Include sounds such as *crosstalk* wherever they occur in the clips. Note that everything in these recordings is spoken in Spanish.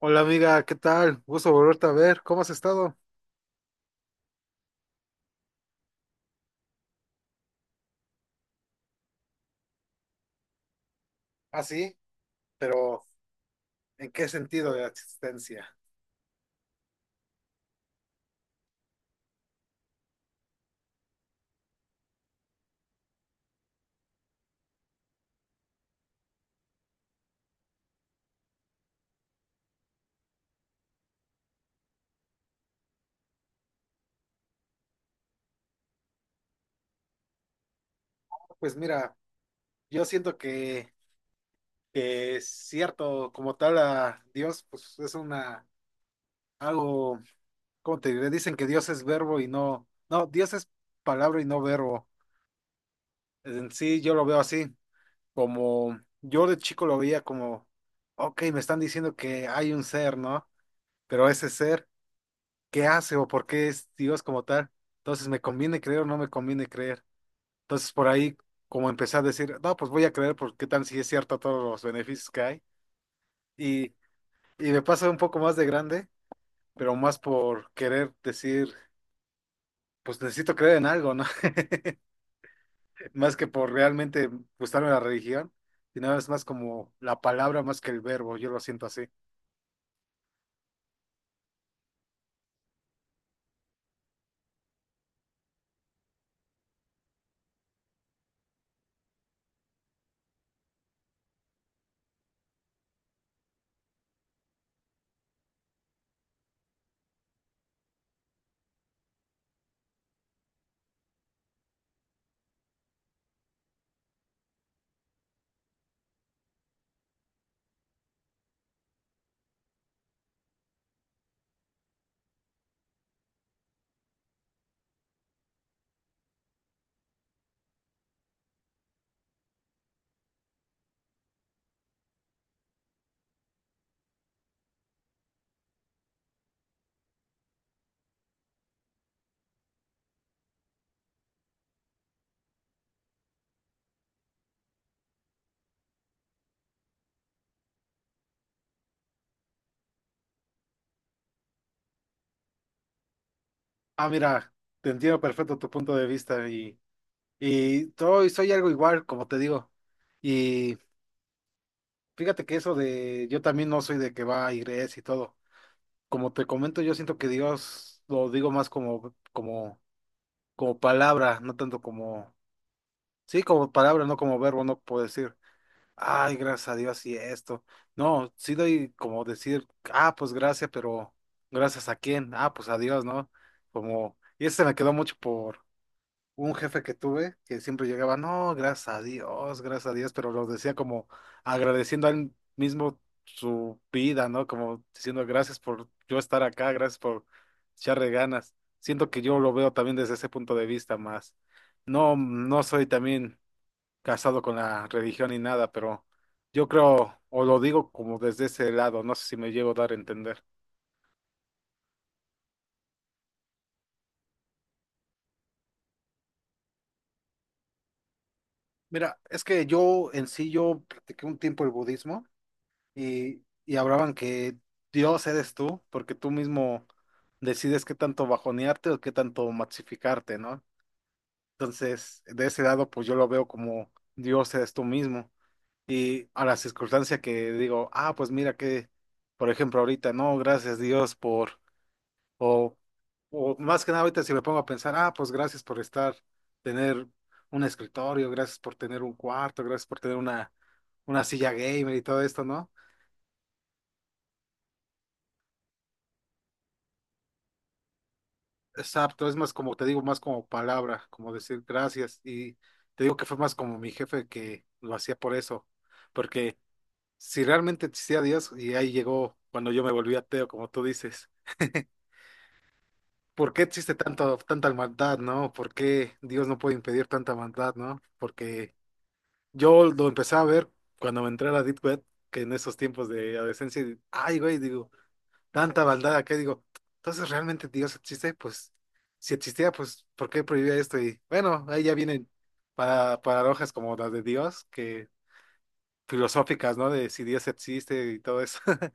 Hola amiga, ¿qué tal? Gusto volverte a ver. ¿Cómo has estado? Ah, sí, pero ¿en qué sentido de la existencia? Pues mira, yo siento que es cierto, como tal a Dios, pues es una, algo, ¿cómo te diré? Dicen que Dios es verbo y no, Dios es palabra y no verbo. En sí, yo lo veo así, como yo de chico lo veía como, ok, me están diciendo que hay un ser, ¿no? Pero ese ser qué hace o por qué es Dios como tal. Entonces, ¿me conviene creer o no me conviene creer? Entonces, por ahí, como empecé a decir, no, pues voy a creer porque qué tal si es cierto todos los beneficios que hay. Y, y me pasa un poco más de grande, pero más por querer decir, pues necesito creer en algo, ¿no? *laughs* Más que por realmente gustarme la religión, sino es más como la palabra más que el verbo, yo lo siento así. Ah, mira, te entiendo perfecto tu punto de vista y soy algo igual, como te digo. Y fíjate que eso de yo también no soy de que va a iglesia y todo. Como te comento, yo siento que Dios lo digo más como palabra, no tanto como sí, como palabra, no como verbo, no puedo decir, ay, gracias a Dios y esto. No, sí doy como decir, ah, pues gracias, pero ¿gracias a quién? Ah, pues a Dios, ¿no? Como y ese me quedó mucho por un jefe que tuve que siempre llegaba, no, gracias a Dios, pero lo decía como agradeciendo a él mismo su vida, ¿no? Como diciendo, gracias por yo estar acá, gracias por echarle ganas. Siento que yo lo veo también desde ese punto de vista más. No, no soy también casado con la religión ni nada, pero yo creo, o lo digo como desde ese lado, no sé si me llego a dar a entender. Mira, es que yo en sí, yo practiqué un tiempo el budismo. Y hablaban que Dios eres tú, porque tú mismo decides qué tanto bajonearte o qué tanto maxificarte, ¿no? Entonces, de ese lado, pues yo lo veo como Dios eres tú mismo. Y a la circunstancia que digo, ah, pues mira que, por ejemplo, ahorita, no, gracias Dios por, o, o más que nada ahorita si me pongo a pensar, ah, pues gracias por estar, tener un escritorio, gracias por tener un cuarto, gracias por tener una silla gamer y todo esto, ¿no? Exacto, es más como, te digo, más como palabra, como decir gracias. Y te digo que fue más como mi jefe que lo hacía por eso. Porque si realmente existía Dios, y ahí llegó cuando yo me volví ateo, como tú dices, *laughs* ¿por qué existe tanto, tanta maldad, no? ¿Por qué Dios no puede impedir tanta maldad, no? Porque yo lo empecé a ver cuando me entré a la Deep Web, que en esos tiempos de adolescencia, y- ay, güey, digo tanta maldad acá, digo, entonces realmente Dios existe, pues si existía, pues ¿por qué prohibía esto? Y bueno, ahí ya vienen paradojas como las de Dios, que filosóficas, ¿no? De si Dios existe y todo eso. *laughs*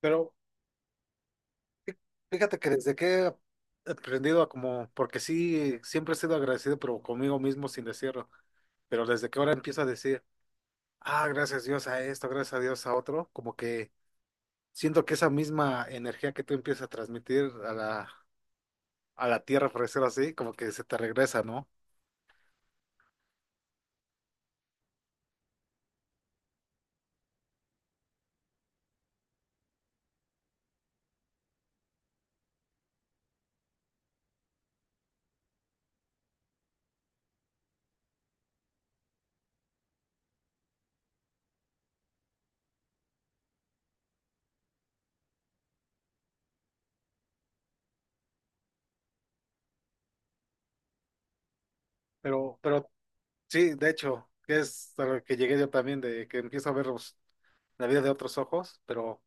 Pero fí- Fíjate que desde que he aprendido a como, porque sí, siempre he sido agradecido, pero conmigo mismo sin decirlo, pero desde que ahora empiezo a decir, ah, gracias Dios a esto, gracias a Dios a otro, como que siento que esa misma energía que tú empiezas a transmitir a la tierra, por decirlo así, como que se te regresa, ¿no? Pero sí, de hecho, que es a lo que llegué yo también, de que empiezo a la vida de otros ojos, pero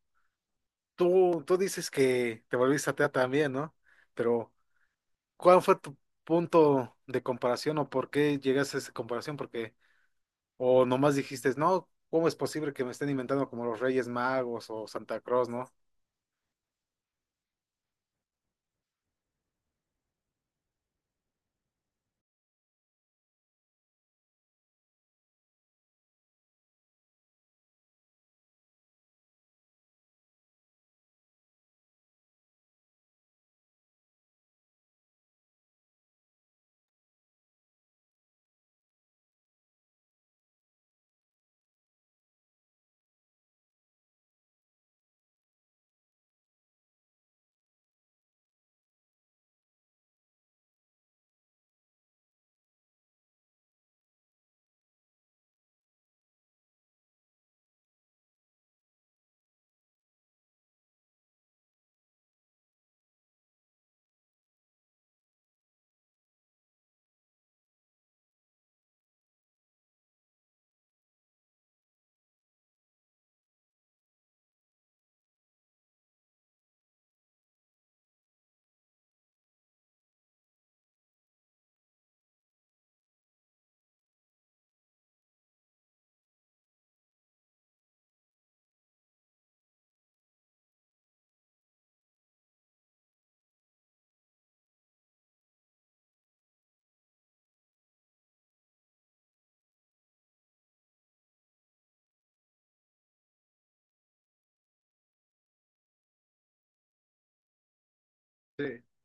tú dices que te volviste atea también, ¿no? Pero ¿cuál fue tu punto de comparación o por qué llegaste a esa comparación? Porque, o nomás dijiste, no, ¿cómo es posible que me estén inventando como los Reyes Magos o Santa Claus, ¿no?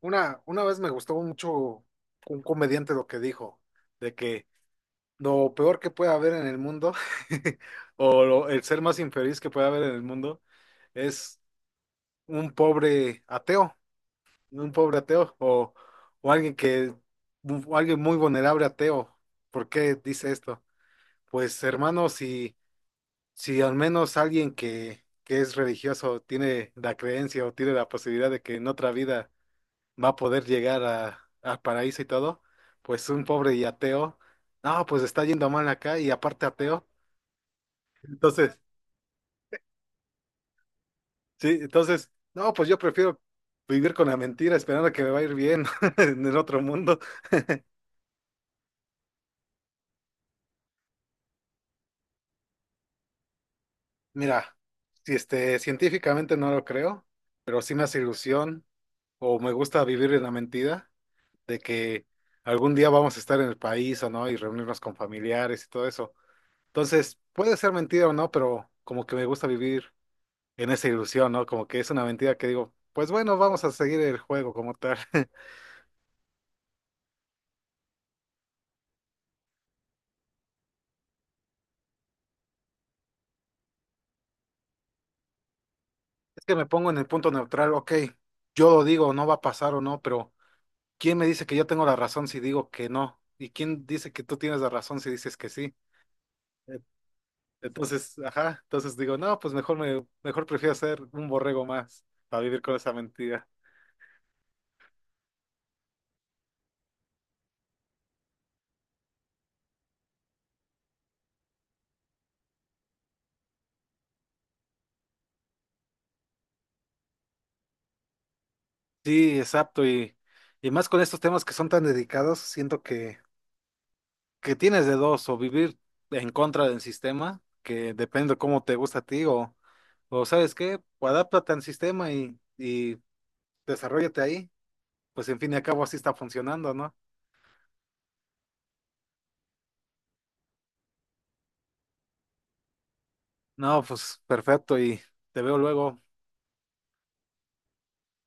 Una vez me gustó mucho un comediante lo que dijo, de que lo peor que puede haber en el mundo, *laughs* o el ser más infeliz que puede haber en el mundo, es un pobre ateo, un pobre ateo, o alguien que, o alguien muy vulnerable ateo. ¿Por qué dice esto? Pues hermano, si al menos alguien que es religioso tiene la creencia o tiene la posibilidad de que en otra vida va a poder llegar al paraíso y todo, pues un pobre y ateo, no, pues está yendo mal acá y aparte ateo. Entonces, sí, entonces, no, pues yo prefiero vivir con la mentira esperando que me va a ir bien *laughs* en el otro mundo. *laughs* Mira, si este, científicamente no lo creo, pero sí me hace ilusión o me gusta vivir en la mentira de que algún día vamos a estar en el país o no y reunirnos con familiares y todo eso. Entonces, puede ser mentira o no, pero como que me gusta vivir en esa ilusión, ¿no? Como que es una mentira que digo, pues bueno, vamos a seguir el juego como tal. *laughs* Es que me pongo en el punto neutral, ok, yo lo digo, no va a pasar o no, pero ¿quién me dice que yo tengo la razón si digo que no? ¿Y quién dice que tú tienes la razón si dices que sí? Eh, Entonces, ajá, entonces digo, no, pues mejor prefiero ser un borrego más para vivir con esa mentira. Sí, exacto, y más con estos temas que son tan dedicados, siento que tienes de dos, o vivir en contra del sistema, que depende de cómo te gusta a ti, o ¿sabes qué? O adáptate al sistema y desarróllate ahí pues en fin y al cabo así está funcionando, ¿no? No, pues perfecto y te veo luego.